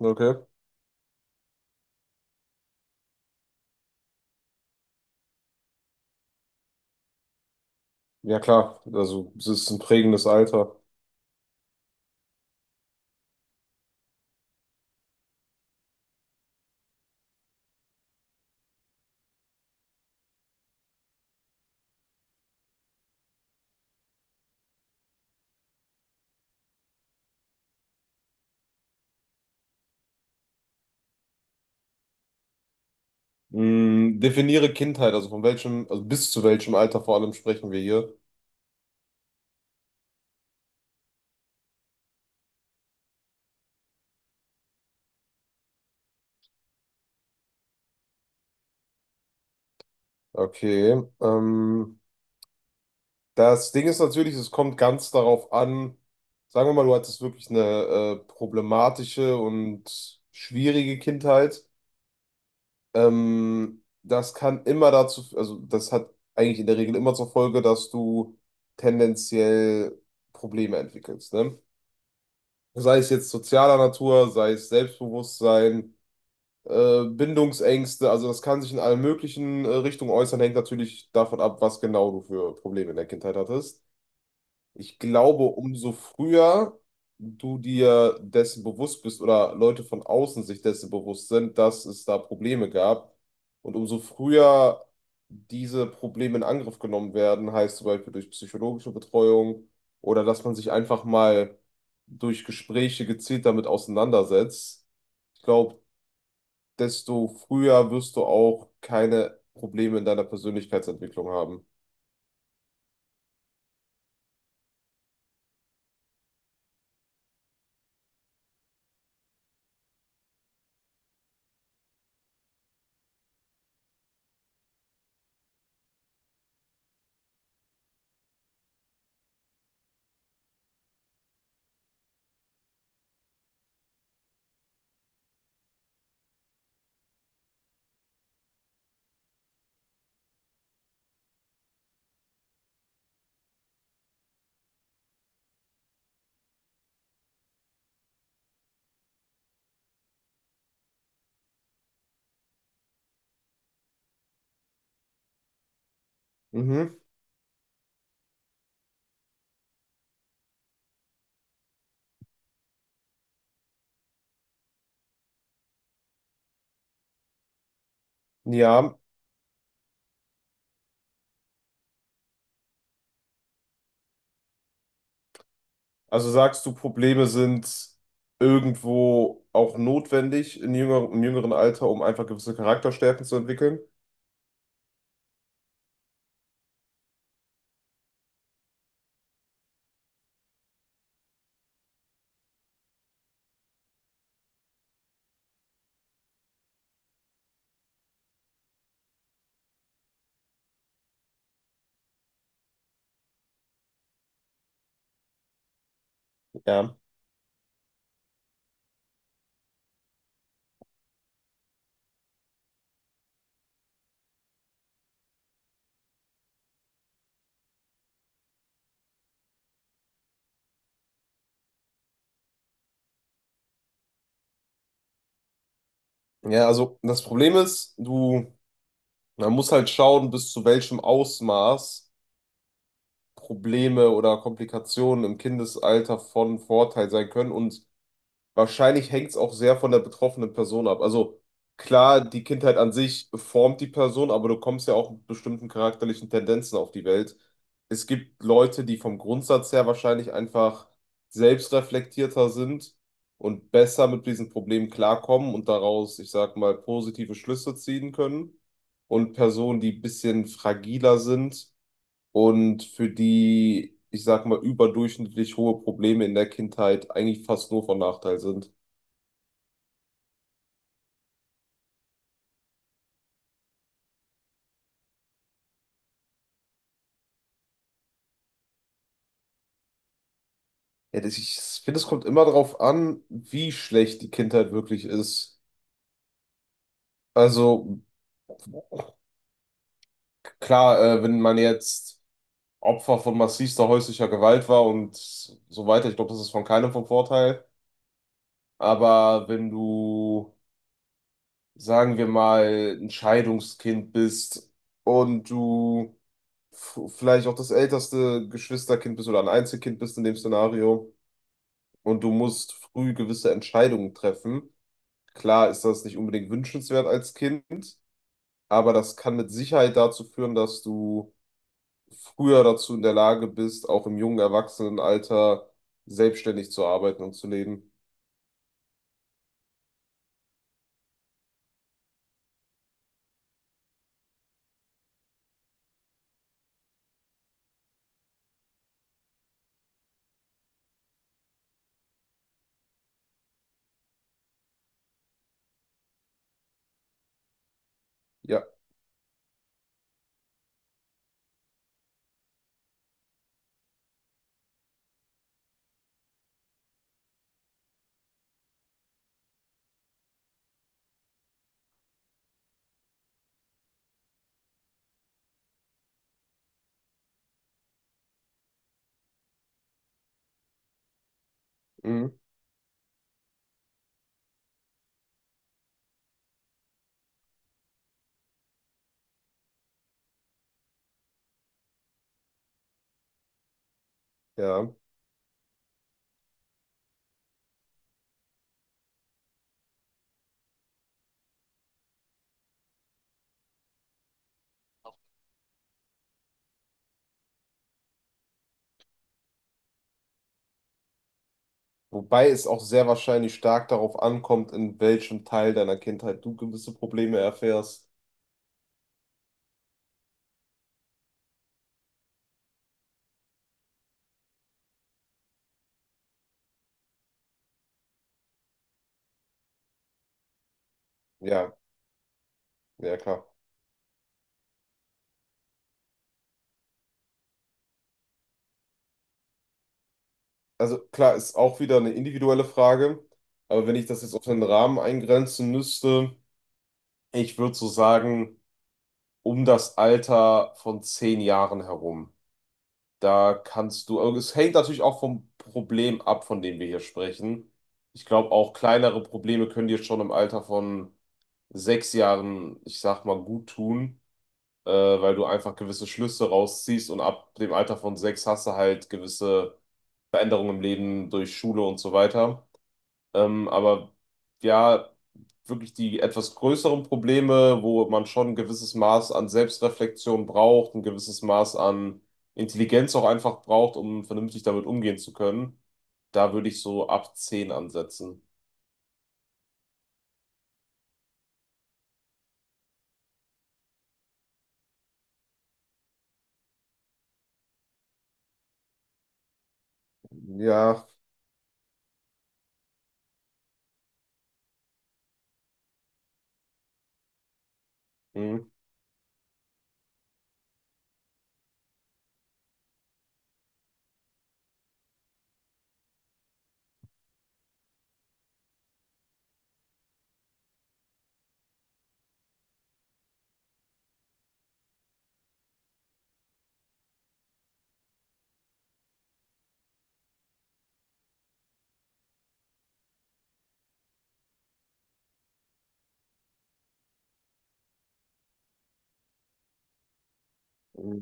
Okay. Ja, klar. Also, es ist ein prägendes Alter. Hm, definiere Kindheit, also von welchem, also bis zu welchem Alter vor allem sprechen wir hier. Okay. Das Ding ist natürlich, es kommt ganz darauf an, sagen wir mal, du hattest wirklich eine problematische und schwierige Kindheit. Das kann immer dazu, also das hat eigentlich in der Regel immer zur Folge, dass du tendenziell Probleme entwickelst, ne? Sei es jetzt sozialer Natur, sei es Selbstbewusstsein, Bindungsängste, also das kann sich in allen möglichen Richtungen äußern, hängt natürlich davon ab, was genau du für Probleme in der Kindheit hattest. Ich glaube, umso früher du dir dessen bewusst bist oder Leute von außen sich dessen bewusst sind, dass es da Probleme gab und umso früher diese Probleme in Angriff genommen werden, heißt zum Beispiel durch psychologische Betreuung oder dass man sich einfach mal durch Gespräche gezielt damit auseinandersetzt. Ich glaube, desto früher wirst du auch keine Probleme in deiner Persönlichkeitsentwicklung haben. Mhm. Ja, also sagst du, Probleme sind irgendwo auch notwendig in im jüngeren Alter, um einfach gewisse Charakterstärken zu entwickeln? Ja. Ja, also das Problem ist, du, man muss halt schauen, bis zu welchem Ausmaß Probleme oder Komplikationen im Kindesalter von Vorteil sein können und wahrscheinlich hängt es auch sehr von der betroffenen Person ab. Also klar, die Kindheit an sich formt die Person, aber du kommst ja auch mit bestimmten charakterlichen Tendenzen auf die Welt. Es gibt Leute, die vom Grundsatz her wahrscheinlich einfach selbstreflektierter sind und besser mit diesen Problemen klarkommen und daraus, ich sag mal, positive Schlüsse ziehen können. Und Personen, die ein bisschen fragiler sind und für die, ich sag mal, überdurchschnittlich hohe Probleme in der Kindheit eigentlich fast nur von Nachteil sind. Ja, ich finde, es kommt immer darauf an, wie schlecht die Kindheit wirklich ist. Also klar, wenn man jetzt Opfer von massivster häuslicher Gewalt war und so weiter, ich glaube, das ist von keinem von Vorteil. Aber wenn du, sagen wir mal, ein Scheidungskind bist und du vielleicht auch das älteste Geschwisterkind bist oder ein Einzelkind bist in dem Szenario und du musst früh gewisse Entscheidungen treffen. Klar ist das nicht unbedingt wünschenswert als Kind, aber das kann mit Sicherheit dazu führen, dass du früher dazu in der Lage bist, auch im jungen Erwachsenenalter selbstständig zu arbeiten und zu leben. Ja, mhm. Ja. Wobei es auch sehr wahrscheinlich stark darauf ankommt, in welchem Teil deiner Kindheit du gewisse Probleme erfährst. Ja, ja, klar. Also klar, ist auch wieder eine individuelle Frage, aber wenn ich das jetzt auf den Rahmen eingrenzen müsste, ich würde so sagen, um das Alter von 10 Jahren herum. Da kannst du, also es hängt natürlich auch vom Problem ab, von dem wir hier sprechen. Ich glaube, auch kleinere Probleme können dir schon im Alter von 6 Jahren, ich sag mal, gut tun, weil du einfach gewisse Schlüsse rausziehst und ab dem Alter von 6 hast du halt gewisse Veränderungen im Leben durch Schule und so weiter. Aber ja, wirklich die etwas größeren Probleme, wo man schon ein gewisses Maß an Selbstreflexion braucht, ein gewisses Maß an Intelligenz auch einfach braucht, um vernünftig damit umgehen zu können, da würde ich so ab 10 ansetzen. Ja. Hm.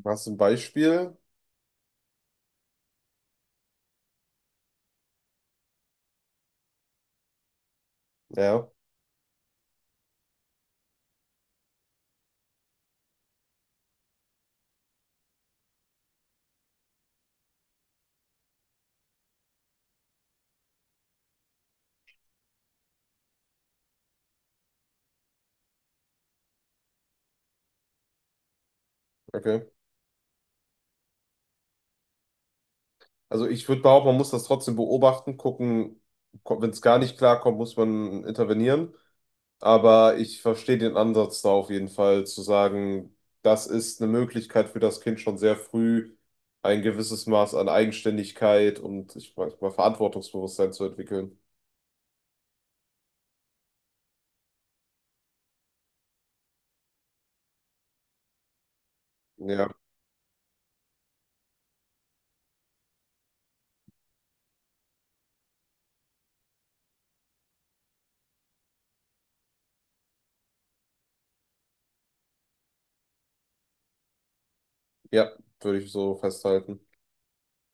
Hast du ein Beispiel? Ja, okay. Also ich würde behaupten, man muss das trotzdem beobachten, gucken, wenn es gar nicht klarkommt, muss man intervenieren. Aber ich verstehe den Ansatz da auf jeden Fall, zu sagen, das ist eine Möglichkeit für das Kind schon sehr früh, ein gewisses Maß an Eigenständigkeit und ich weiß mal Verantwortungsbewusstsein zu entwickeln. Ja, ja, würde ich so festhalten.